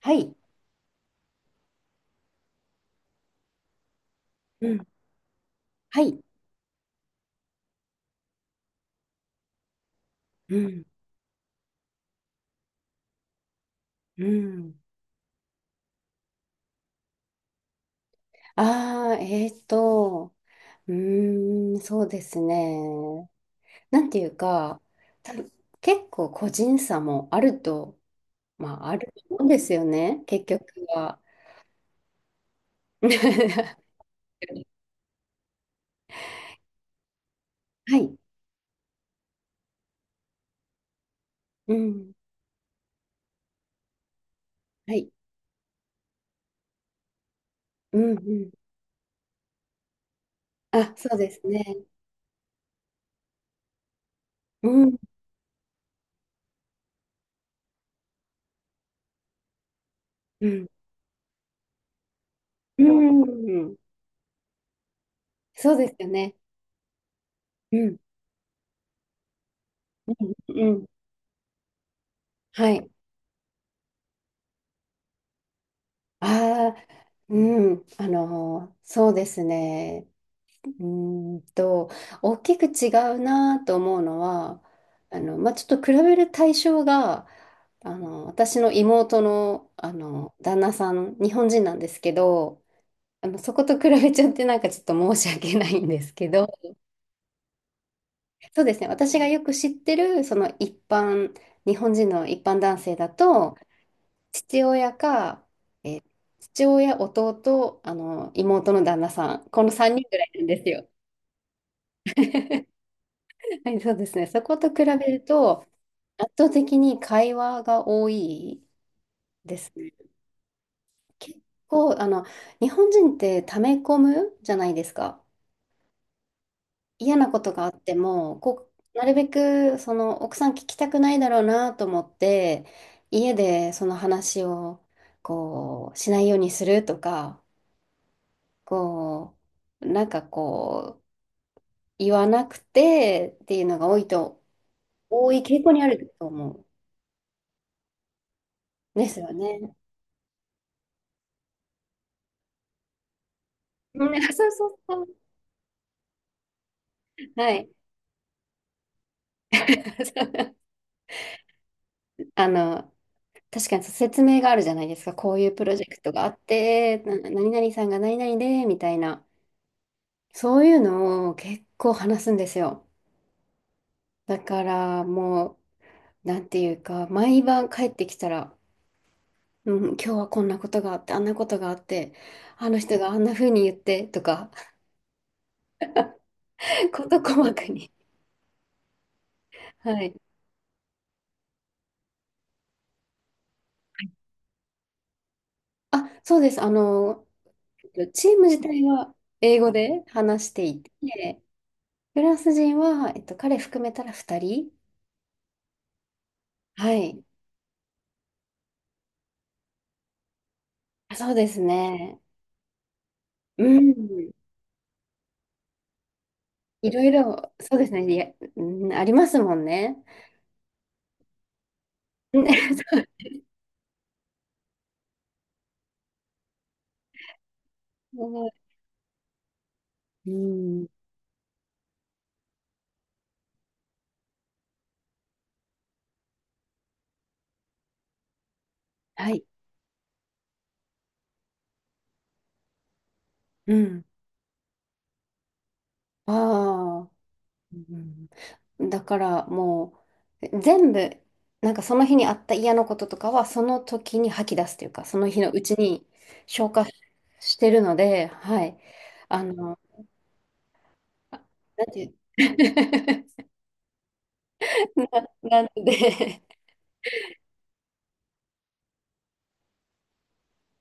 はい。うん、はい。うん、うん。ああ、うーん、そうですね。なんていうか、多分結構個人差もあると、まあ、あると思うんですよね、結局は。はい。うん。はい。うん、うん。あ、そうですね。うん、うん。うん。そうですよね。うん。うん。うん。はい。ああ、うん。そうですね。うーんと、大きく違うなと思うのは、まあ、ちょっと比べる対象が、私の妹の、旦那さん、日本人なんですけど、あの、そこと比べちゃってなんかちょっと申し訳ないんですけど、そうですね、私がよく知ってる、その一般、日本人の一般男性だと、父親か、父親、弟、あの、妹の旦那さん、この3人ぐらいなんですよ。はい、そうですね、そこと比べると、圧倒的に会話が多いですね。結構、あの、日本人って溜め込むじゃないですか。嫌なことがあっても、こう、なるべく、その、奥さん聞きたくないだろうなと思って、家でその話を、こう、しないようにするとか、こう、なんかこう、言わなくてっていうのが多いと、多い傾向にあると思うんですよね。ね、そうそうそう。はい。あの、確かにそう説明があるじゃないですか。こういうプロジェクトがあって、何々さんが何々で、みたいな。そういうのを結構話すんですよ。だからもう、なんていうか、毎晩帰ってきたら、うん、今日はこんなことがあって、あんなことがあって、あの人があんな風に言って、とか、事細かに。はい。あ、そうです。あの、チーム自体は英語で話していて、フランス人は、彼含めたら2人。はい。あ、そうですね。うん。いろいろ、そうですね。いや、うん、ありますもんね。うん。 そう、うん。はい。うん。ああ。うん、だからもう、全部、なんかその日にあった嫌なこととかは、その時に吐き出すというか、その日のうちに消化してるので、はい。あの、あ、なんていう なんで、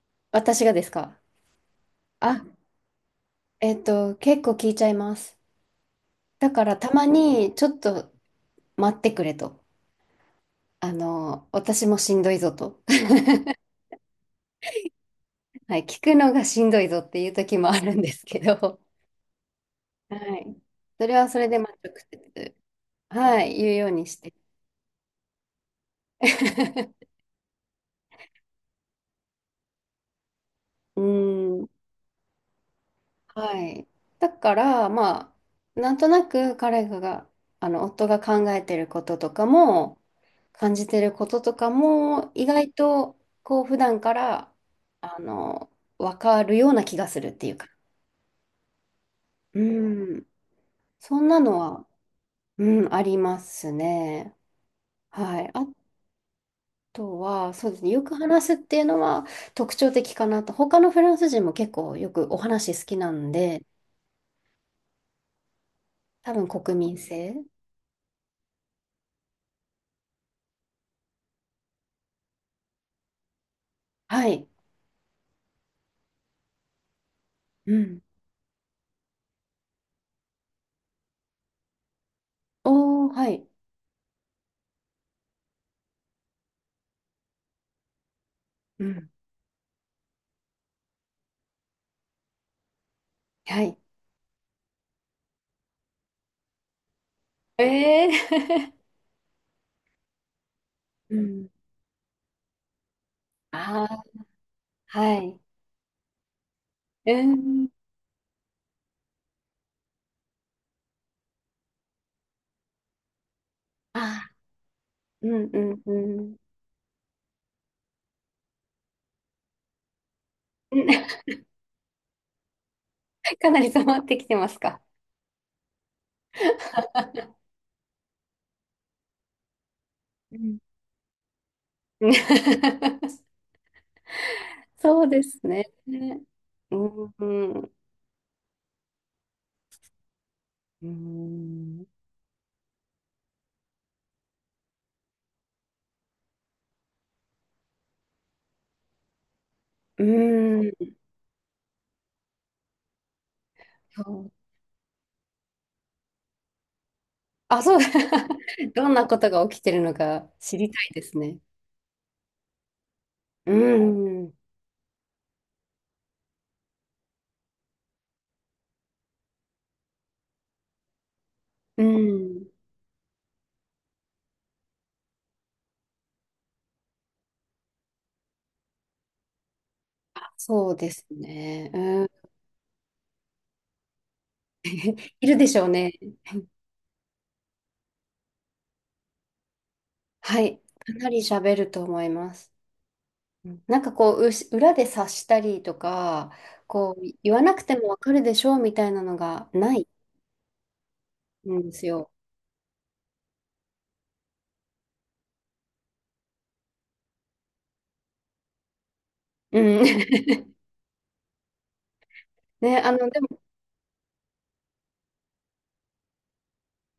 私がですか？あ、結構聞いちゃいます。だからたまにちょっと待ってくれと。あの、私もしんどいぞと。はい、聞くのがしんどいぞっていう時もあるんですけど、はい。それはそれで、まあ、直接、はい、言うようにして。うん。はい。だから、まあ、なんとなく彼が、あの、夫が考えてることとかも、感じてることとかも、意外と、こう、普段から、あの、わかるような気がするっていうか。うん。そんなのは、うん、ありますね。はい。あとは、そうですね。よく話すっていうのは特徴的かなと。他のフランス人も結構よくお話好きなんで、多分国民性。はい。うん。おー、はい。うん。はい。えー、うん。ああ、はい。うん。あー、うん、うん、うん。うん。 かなり染まってきてますか？うん。うん。 そうですね。うん、うん、うん、うん、そう、あ、そう、どんなことが起きてるのか知りたいですね。うん、うん、そうですね。うん、いるでしょうね。はい、かなり喋ると思います。うん、なんかこう、うし裏で察したりとか、こう、言わなくてもわかるでしょうみたいなのがないんですよ。うん。ね、あの、でも、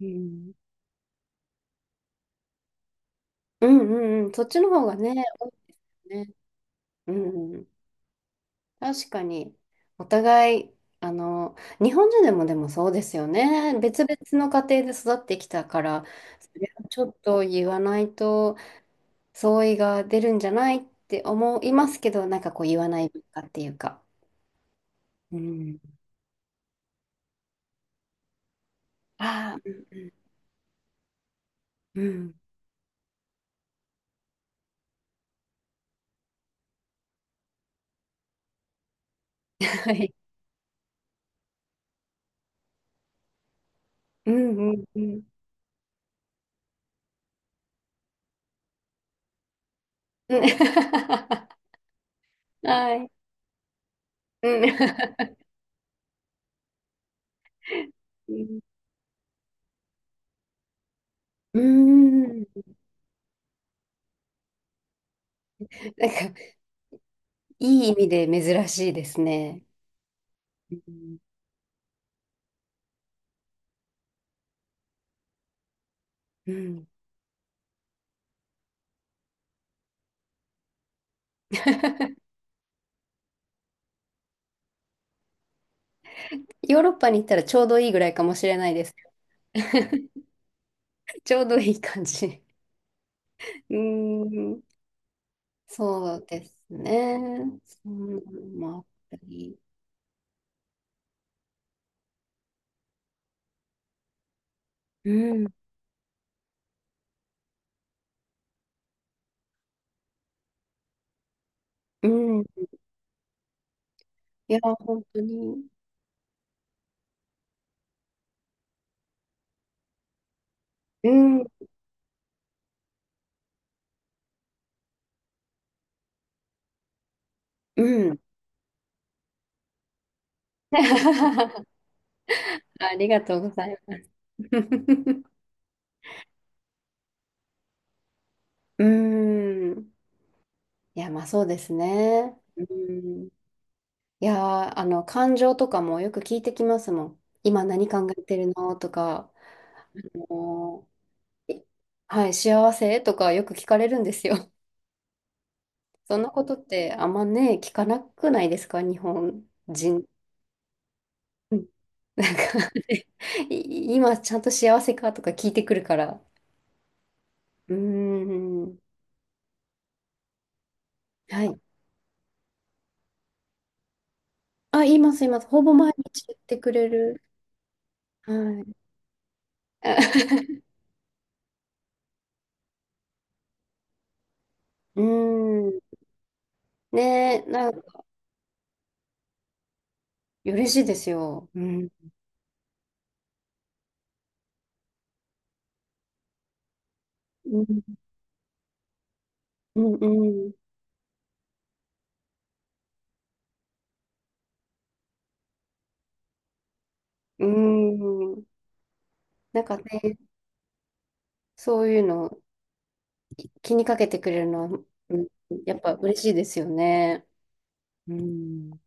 うん、うんうんうん、そっちの方がね、多いですよね。うん、うん、確かに、お互い、あの、日本人でもでもそうですよね。別々の家庭で育ってきたから、それはちょっと言わないと相違が出るんじゃないって思いますけど、なんかこう言わない文化っていうか。うん、ああ、うんうん。うん。はい。うんうんうん。うん。 はい。うん。うん。うん、なんか、いい意味で珍しいですね。うん。うん。 ヨーロッパに行ったらちょうどいいぐらいかもしれないです。ちょうどいい感じ。うん。そうですね。そんなのもあったり。うん。うん。いや、本当に。うん。うん。ありがとうございます。うーん。いや、まあそうですね。うーん。いやー、あの、感情とかもよく聞いてきますもん。今何考えてるのとか、もう、はい、幸せとかよく聞かれるんですよ。そんなことってあんまね、聞かなくないですか、日本人。うん、なんか 今ちゃんと幸せかとか聞いてくるから。うーん。はい。あ、言います、言います。ほぼ毎日言ってくれる。はい。うーん。ねえ、なんか、嬉しいですよ。うん。うん、うん、うん。うん。なんかね、そういうの気にかけてくれるのは、うん、やっぱ嬉しいですよね。うん。